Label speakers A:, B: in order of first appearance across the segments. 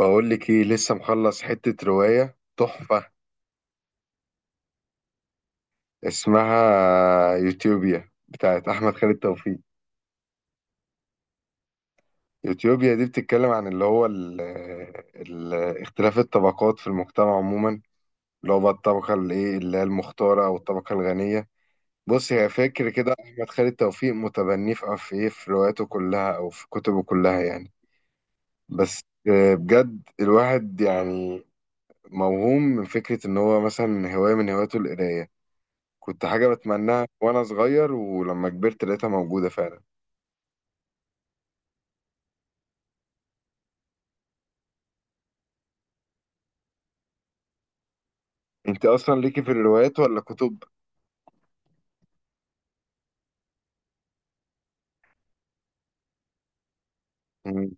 A: بقول لك ايه، لسه مخلص حتة رواية تحفة. اسمها يوتيوبيا، بتاعت احمد خالد توفيق. يوتيوبيا دي بتتكلم عن اللي هو ال ال اختلاف الطبقات في المجتمع عموما، اللي هو بقى الطبقة اللي ايه، اللي هي المختارة او الطبقة الغنية. بص، هي فاكر كده احمد خالد توفيق متبني في ايه، في رواياته كلها او في كتبه كلها يعني. بس بجد الواحد يعني موهوم من فكرة ان هو مثلا هواية من هواياته القراية. كنت حاجة بتمناها وأنا صغير، ولما كبرت لقيتها موجودة فعلا. أنت أصلا ليكي في الروايات ولا كتب؟ مم.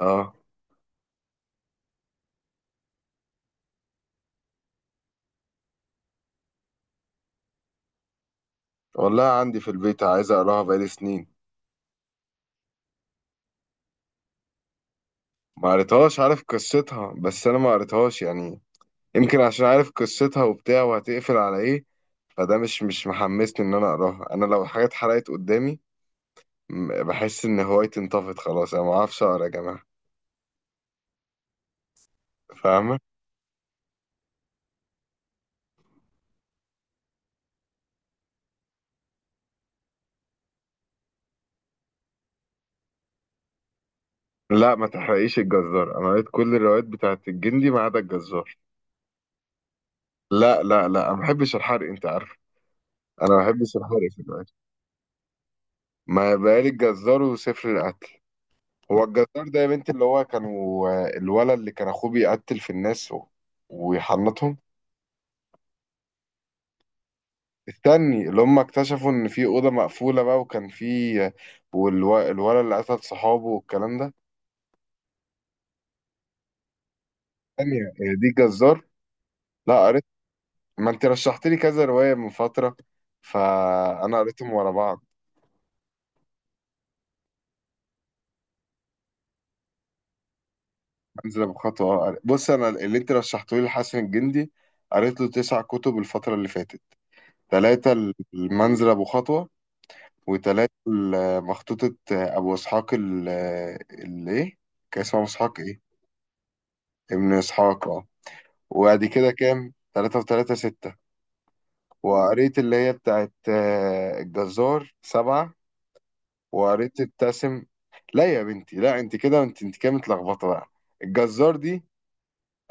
A: آه، والله عندي في البيت، عايز أقراها بقالي سنين. ما قريتهاش، عارف قصتها، بس أنا ما قريتهاش يعني. يمكن عشان عارف قصتها وبتاع وهتقفل على إيه، فده مش محمسني إن أنا أقراها. أنا لو الحاجة اتحرقت قدامي، بحس إن هوايتي انطفت خلاص، أنا ما أعرفش أقرا يا جماعة. فاهمة؟ لا ما تحرقيش الجزار، أنا قريت كل الروايات بتاعت الجندي ما عدا الجزار. لا لا لا، أنا ما بحبش الحرق أنت عارف. أنا ما بحبش الحرق في الأكل. ما بقالي الجزار وسفر القتل. هو الجزار ده يا بنتي اللي هو كانوا، الولد اللي كان أخوه بيقتل في الناس ويحنطهم. استني، اللي هم اكتشفوا إن في أوضة مقفولة بقى وكان في، والولد اللي قتل صحابه والكلام ده. ثانية، هي دي جزار؟ لا قريت، ما أنت رشحت لي كذا رواية من فترة، فأنا قريتهم ورا بعض. انزل بخطوة بص، انا اللي انت رشحته لي لحسن الجندي، قريت له 9 كتب الفترة اللي فاتت. ثلاثة المنزل ابو خطوة، وثلاثة مخطوطة ابو اسحاق اللي ايه، كان اسمه ابو اسحاق ايه. ابن اسحاق اه. وبعد كده كام؟ ثلاثة وثلاثة ستة. وقريت اللي هي بتاعت الجزار سبعة. وقريت ابتسم. لا يا بنتي لا، انت كده انت كده متلخبطة بقى. الجزار دي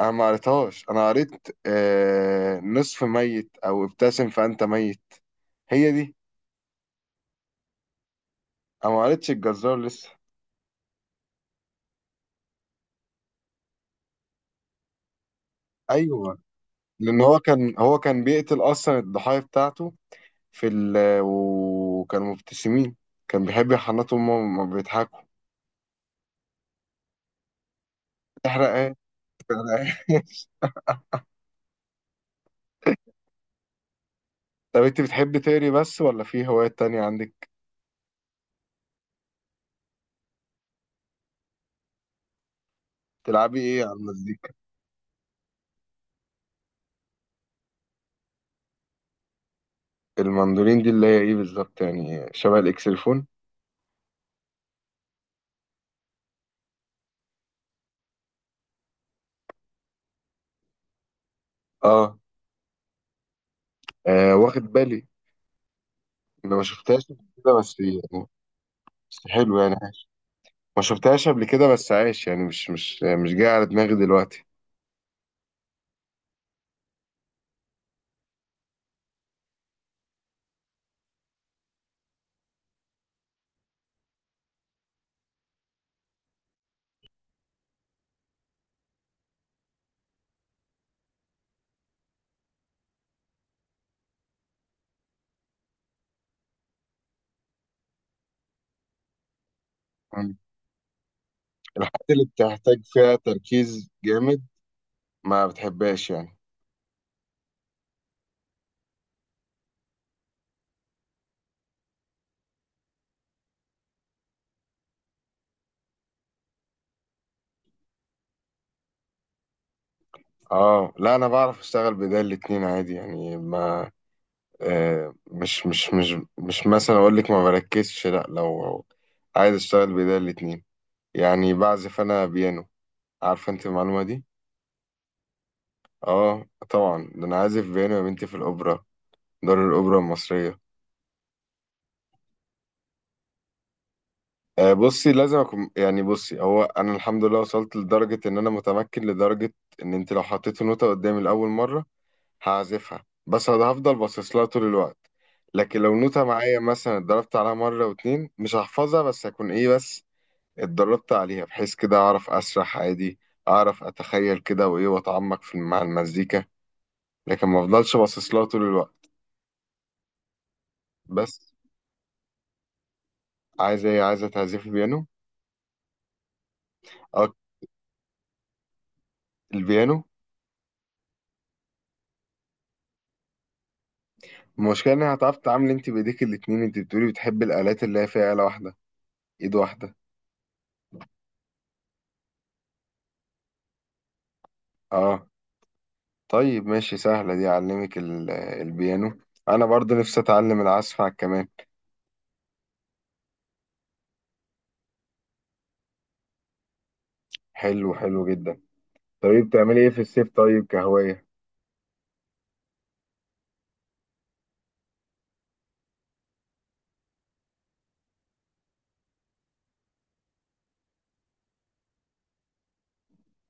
A: انا ما قريتهاش، انا قريت آه نصف ميت او ابتسم فانت ميت، هي دي. انا ما قريتش الجزار لسه. ايوه، لان هو كان بيقتل اصلا الضحايا بتاعته في وكانوا مبتسمين، كان بيحب يحنطهم وهم بيضحكوا. احرق ايه، احرق ايه. طب انت بتحبي تقري بس ولا في هوايات تانية عندك؟ تلعبي ايه على المزيكا؟ المندولين دي اللي هي ايه بالظبط، يعني شبه الاكسلفون؟ اه واخد بالي، انا ما شفتهاش قبل كده بس يعني. بس حلو يعني، ما شفتهاش قبل كده بس عايش يعني، مش جاي على دماغي دلوقتي. مم. الحاجات اللي بتحتاج فيها تركيز جامد ما بتحبهاش يعني. اه لا، انا بعرف اشتغل بإيديا الاتنين عادي يعني ما آه، مش مثلا اقول لك ما بركزش، لا لو عايز اشتغل بإيديا الاتنين يعني، بعزف انا بيانو. عارفه انت المعلومه دي؟ اه طبعا، ده انا عازف بيانو يا بنتي في الاوبرا، دار الاوبرا المصريه. بصي لازم اكون يعني، بصي هو انا الحمد لله وصلت لدرجه ان انا متمكن لدرجه ان انت لو حطيتي نوته قدامي لاول مره هعزفها، بس انا هفضل باصص لها طول الوقت. لكن لو نوته معايا مثلا اتدربت عليها مره واتنين، مش هحفظها بس هكون ايه، بس اتدربت عليها بحيث كده اعرف اسرح عادي، اعرف اتخيل كده وايه واتعمق في مع المزيكا، لكن ما افضلش باصص لها طول الوقت. بس عايزه ايه، عايزه تعزفي بيانو؟ اه البيانو. المشكلة إن هتعرف تتعامل أنت بإيديك الاتنين. أنت بتقولي بتحبي الآلات اللي هي فيها آلة واحدة، إيد واحدة. أه طيب ماشي، سهلة دي، أعلمك البيانو. أنا برضو نفسي أتعلم العزف على الكمان. حلو، حلو جدا. طيب بتعملي إيه في الصيف طيب كهواية؟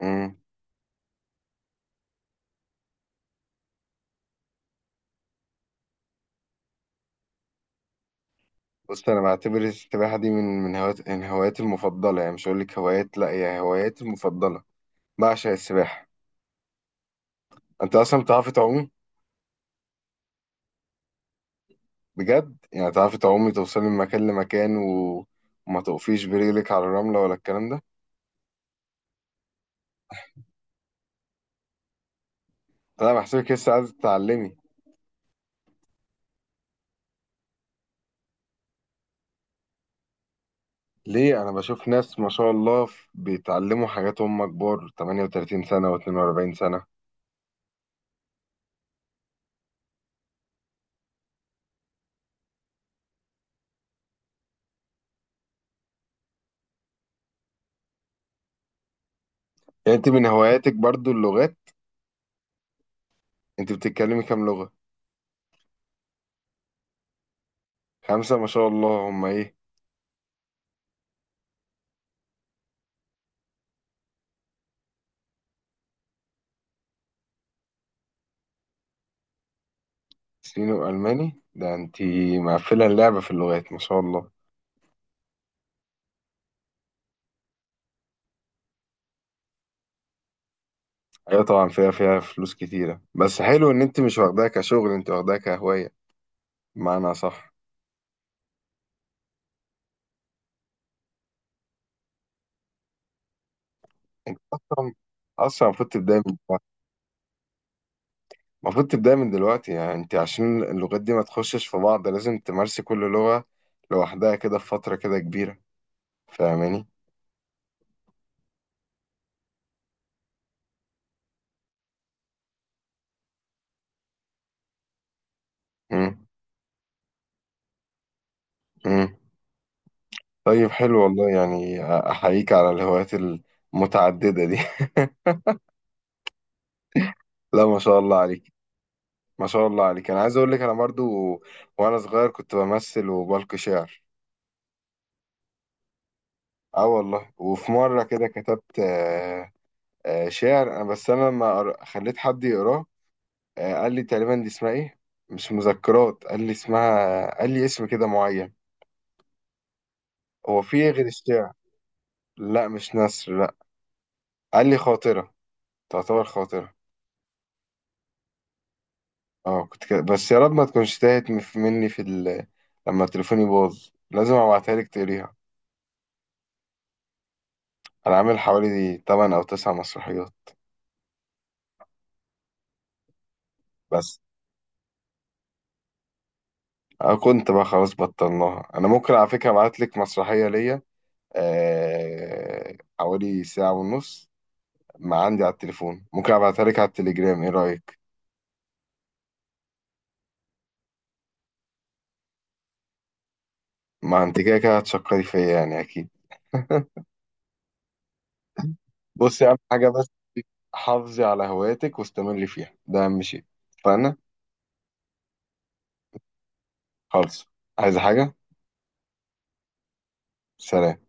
A: مم. بص أنا بعتبر السباحة دي من هوايات من هواياتي المفضلة، يعني مش هقولك هوايات، لأ هي هواياتي المفضلة. بعشق السباحة. أنت أصلا بتعرفي تعومي؟ بجد؟ يعني تعرفي تعومي توصلي من مكان لمكان، و... وما تقفيش برجلك على الرملة ولا الكلام ده؟ انا بحسبك لسه عايز تتعلمي. ليه، انا بشوف ناس ما شاء الله بيتعلموا حاجات هم كبار، 38 سنة و42 سنة. يعني انت من هواياتك برضو اللغات؟ انت بتتكلمي كام لغة؟ خمسة ما شاء الله، هم ايه؟ صيني والماني، ده انت مقفلة اللعبة في اللغات ما شاء الله. ايوه طبعا، فيها فلوس كتيرة، بس حلو ان انت مش واخداها كشغل، انت واخداها كهواية، بمعنى صح. انت اصلا، اصلا المفروض تبداي، المفروض تبدأ من دلوقتي يعني، انت عشان اللغات دي ما تخشش في بعض لازم تمارسي كل لغة لوحدها كده في فترة كده كبيرة. فاهماني؟ مم. مم. طيب حلو والله يعني، أحييك على الهوايات المتعددة دي. لا ما شاء الله عليك. ما شاء الله عليك، أنا عايز أقول لك أنا برضو وأنا صغير كنت بمثل وبلقي شعر. اه والله، وفي مرة كده كتبت شعر، أنا- بس أنا لما قر- خليت حد يقراه. قال لي تقريبا دي اسمها ايه، مش مذكرات، قال لي اسمها، قال لي اسم كده معين. هو في إيه غير الشعر؟ لا مش نثر، لا. قال لي خاطرة، تعتبر خاطرة. اه كنت كده، بس يا رب ما تكونش تاهت مني في لما تليفوني باظ لازم ابعتها لك تقريها. انا عامل حوالي 8 او 9 مسرحيات. بس أنا كنت بقى خلاص بطلناها. انا ممكن على فكرة ابعت لك مسرحية ليا، حوالي ساعة ونص، ما عندي على التليفون، ممكن ابعتها لك على التليجرام، ايه رأيك؟ ما انت كده كده هتشكري فيا يعني اكيد. بصي اهم حاجه، بس حافظي على هواياتك واستمري فيها، ده اهم شيء. فانا خالص، عايزه حاجه؟ سلام.